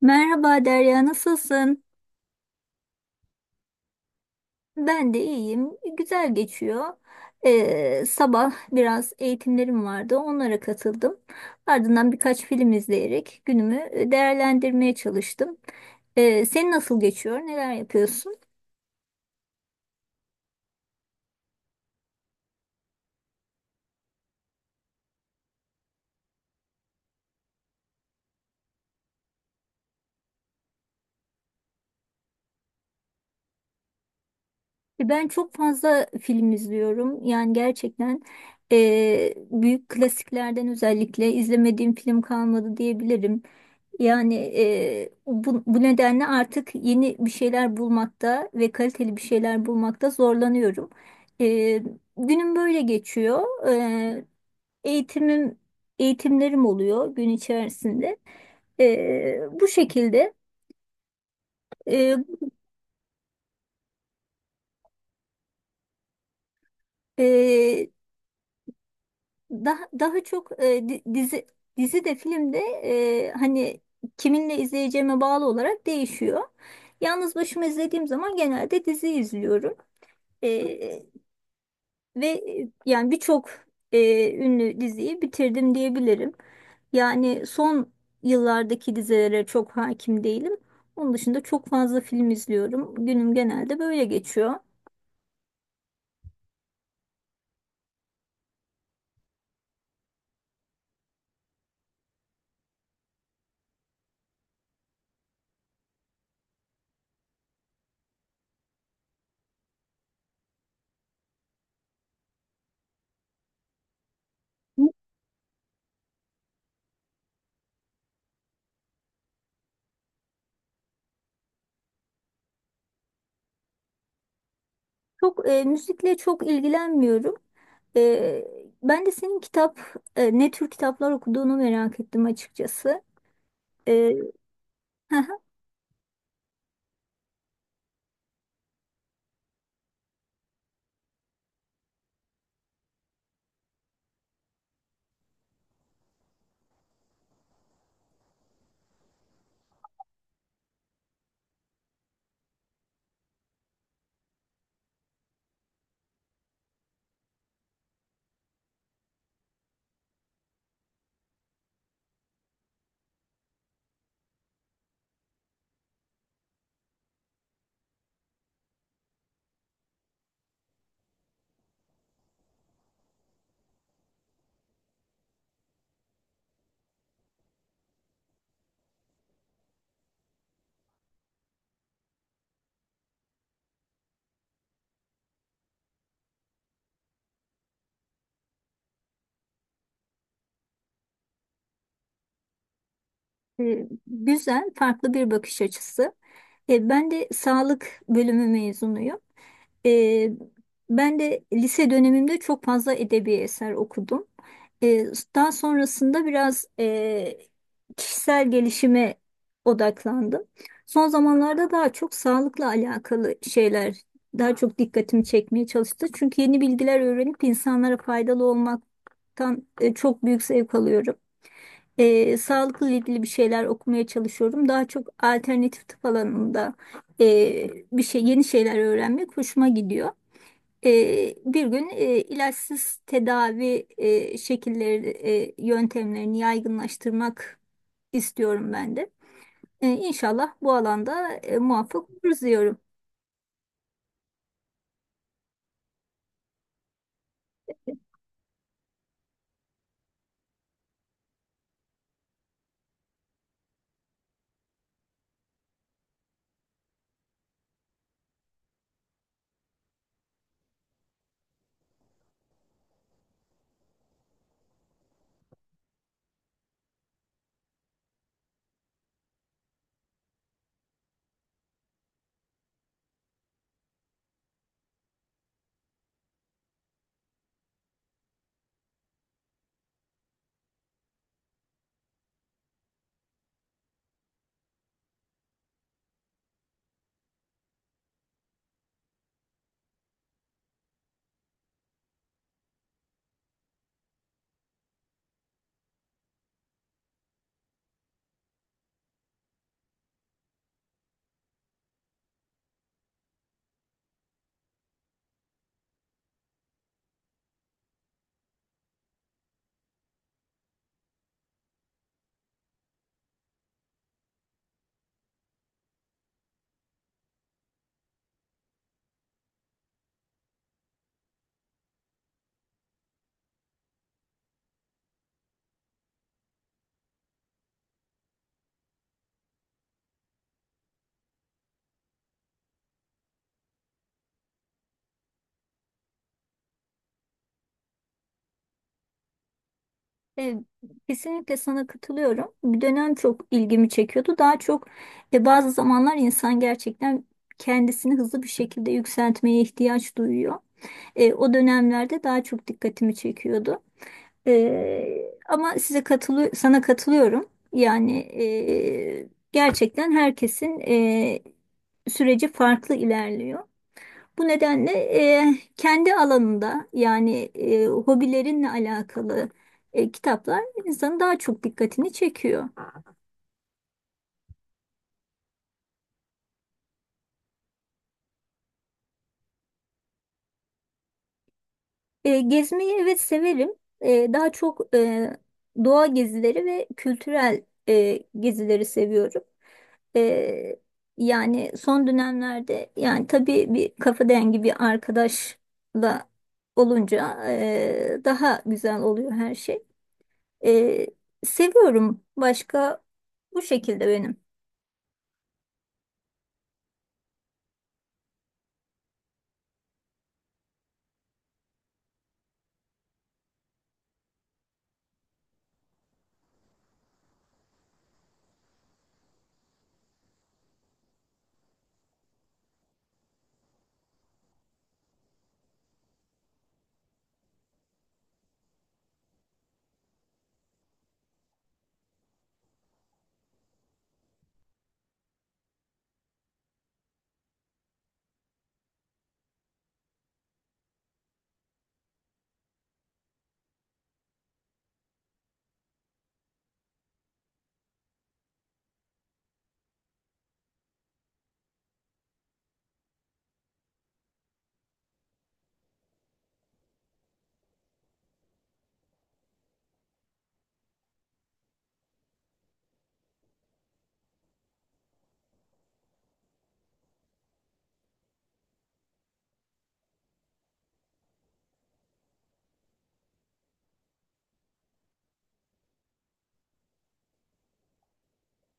Merhaba Derya, nasılsın? Ben de iyiyim, güzel geçiyor. Sabah biraz eğitimlerim vardı, onlara katıldım. Ardından birkaç film izleyerek günümü değerlendirmeye çalıştım. Senin nasıl geçiyor, neler yapıyorsun? Ben çok fazla film izliyorum. Yani gerçekten büyük klasiklerden özellikle izlemediğim film kalmadı diyebilirim. Yani bu nedenle artık yeni bir şeyler bulmakta ve kaliteli bir şeyler bulmakta zorlanıyorum. E, Günüm böyle geçiyor. E, eğitimim Eğitimlerim oluyor gün içerisinde. Bu şekilde e, e, daha çok dizi de film de, hani kiminle izleyeceğime bağlı olarak değişiyor. Yalnız başıma izlediğim zaman genelde dizi izliyorum. Ve yani birçok ünlü diziyi bitirdim diyebilirim. Yani son yıllardaki dizilere çok hakim değilim. Onun dışında çok fazla film izliyorum. Günüm genelde böyle geçiyor. Müzikle çok ilgilenmiyorum. Ben de senin ne tür kitaplar okuduğunu merak ettim açıkçası. E, Güzel, farklı bir bakış açısı. Ben de sağlık bölümü mezunuyum. E, Ben de lise dönemimde çok fazla edebi eser okudum. E, Daha sonrasında biraz kişisel gelişime odaklandım. Son zamanlarda daha çok sağlıkla alakalı şeyler daha çok dikkatimi çekmeye çalıştı. Çünkü yeni bilgiler öğrenip insanlara faydalı olmaktan çok büyük zevk alıyorum, sağlıkla ilgili bir şeyler okumaya çalışıyorum. Daha çok alternatif tıp alanında e, bir şey yeni şeyler öğrenmek hoşuma gidiyor. Bir gün ilaçsız tedavi yöntemlerini yaygınlaştırmak istiyorum ben de. İnşallah bu alanda muvaffak oluruz diyorum. E, Kesinlikle sana katılıyorum. Bir dönem çok ilgimi çekiyordu. Daha çok, bazı zamanlar insan gerçekten kendisini hızlı bir şekilde yükseltmeye ihtiyaç duyuyor. O dönemlerde daha çok dikkatimi çekiyordu. Ama size katılı sana katılıyorum. Yani gerçekten herkesin süreci farklı ilerliyor. Bu nedenle kendi alanında, yani hobilerinle alakalı kitaplar insanın daha çok dikkatini çekiyor. Gezmeyi evet severim. Daha çok doğa gezileri ve kültürel gezileri seviyorum. E, Yani son dönemlerde, yani tabii bir kafa dengi bir arkadaşla olunca daha güzel oluyor her şey. E, Seviyorum. Başka bu şekilde benim.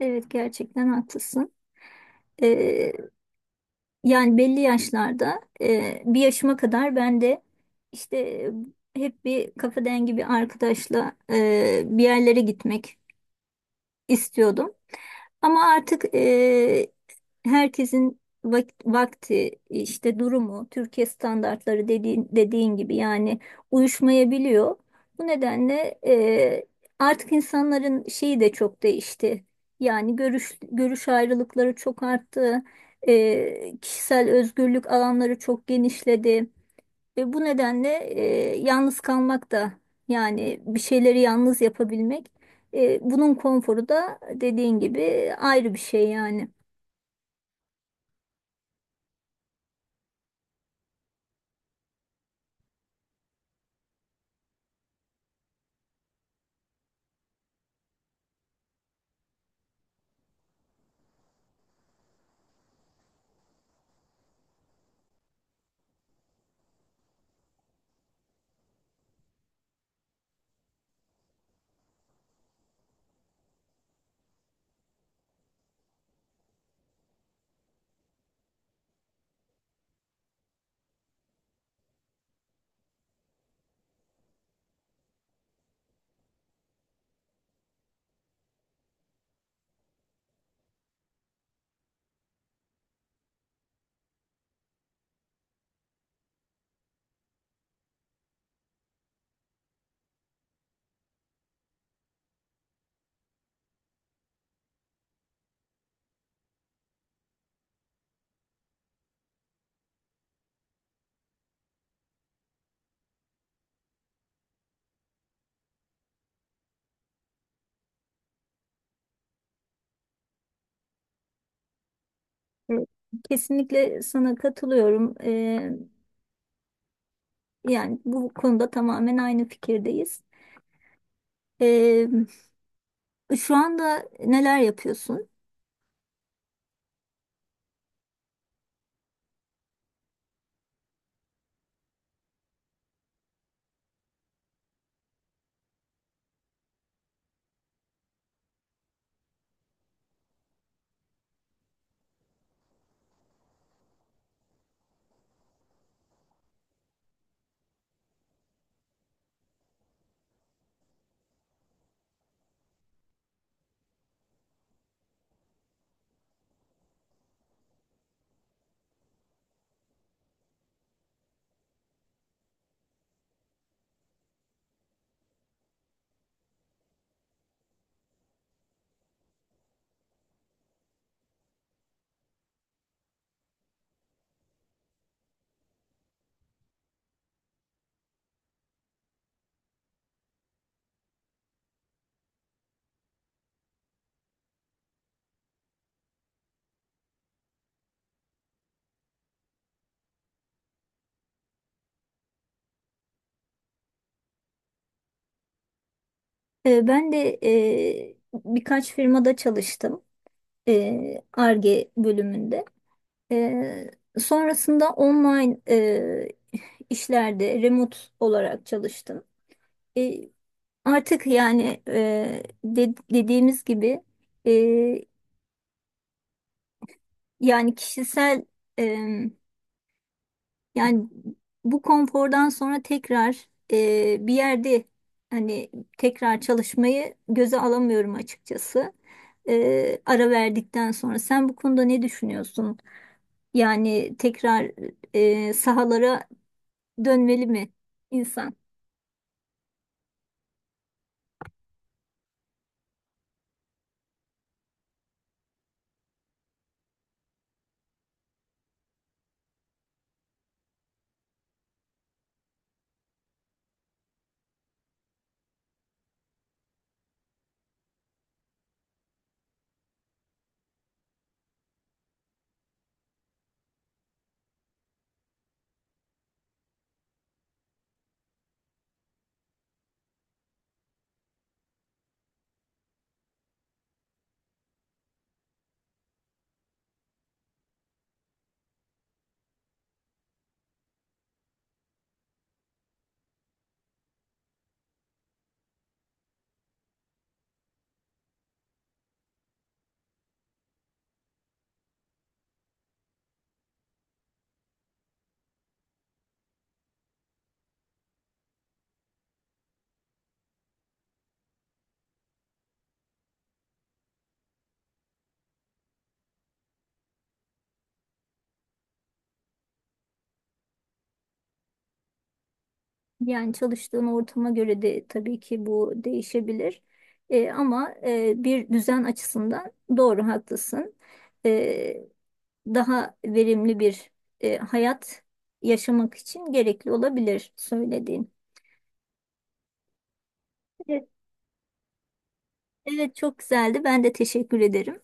Evet, gerçekten haklısın. Ee, Yani belli yaşlarda, bir yaşıma kadar ben de işte hep bir kafa dengi bir arkadaşla bir yerlere gitmek istiyordum. Ama artık herkesin vakti, işte durumu, Türkiye standartları dediğin gibi, yani uyuşmayabiliyor. Bu nedenle artık insanların şeyi de çok değişti. Yani görüş ayrılıkları çok arttı. Kişisel özgürlük alanları çok genişledi. Ve bu nedenle yalnız kalmak da, yani bir şeyleri yalnız yapabilmek, bunun konforu da dediğin gibi ayrı bir şey yani. Evet. Kesinlikle sana katılıyorum. Yani bu konuda tamamen aynı fikirdeyiz. E, Şu anda neler yapıyorsun? Ben de birkaç firmada çalıştım. Ar-Ge bölümünde. E, Sonrasında online işlerde remote olarak çalıştım. E, Artık yani, dediğimiz gibi, e, yani kişisel e, yani bu konfordan sonra tekrar, bir yerde hani tekrar çalışmayı göze alamıyorum açıkçası. Ara verdikten sonra sen bu konuda ne düşünüyorsun? Yani tekrar sahalara dönmeli mi insan? Yani çalıştığın ortama göre de tabii ki bu değişebilir. Ama bir düzen açısından doğru, haklısın. E, Daha verimli bir hayat yaşamak için gerekli olabilir söylediğin. Evet, evet, çok güzeldi. Ben de teşekkür ederim.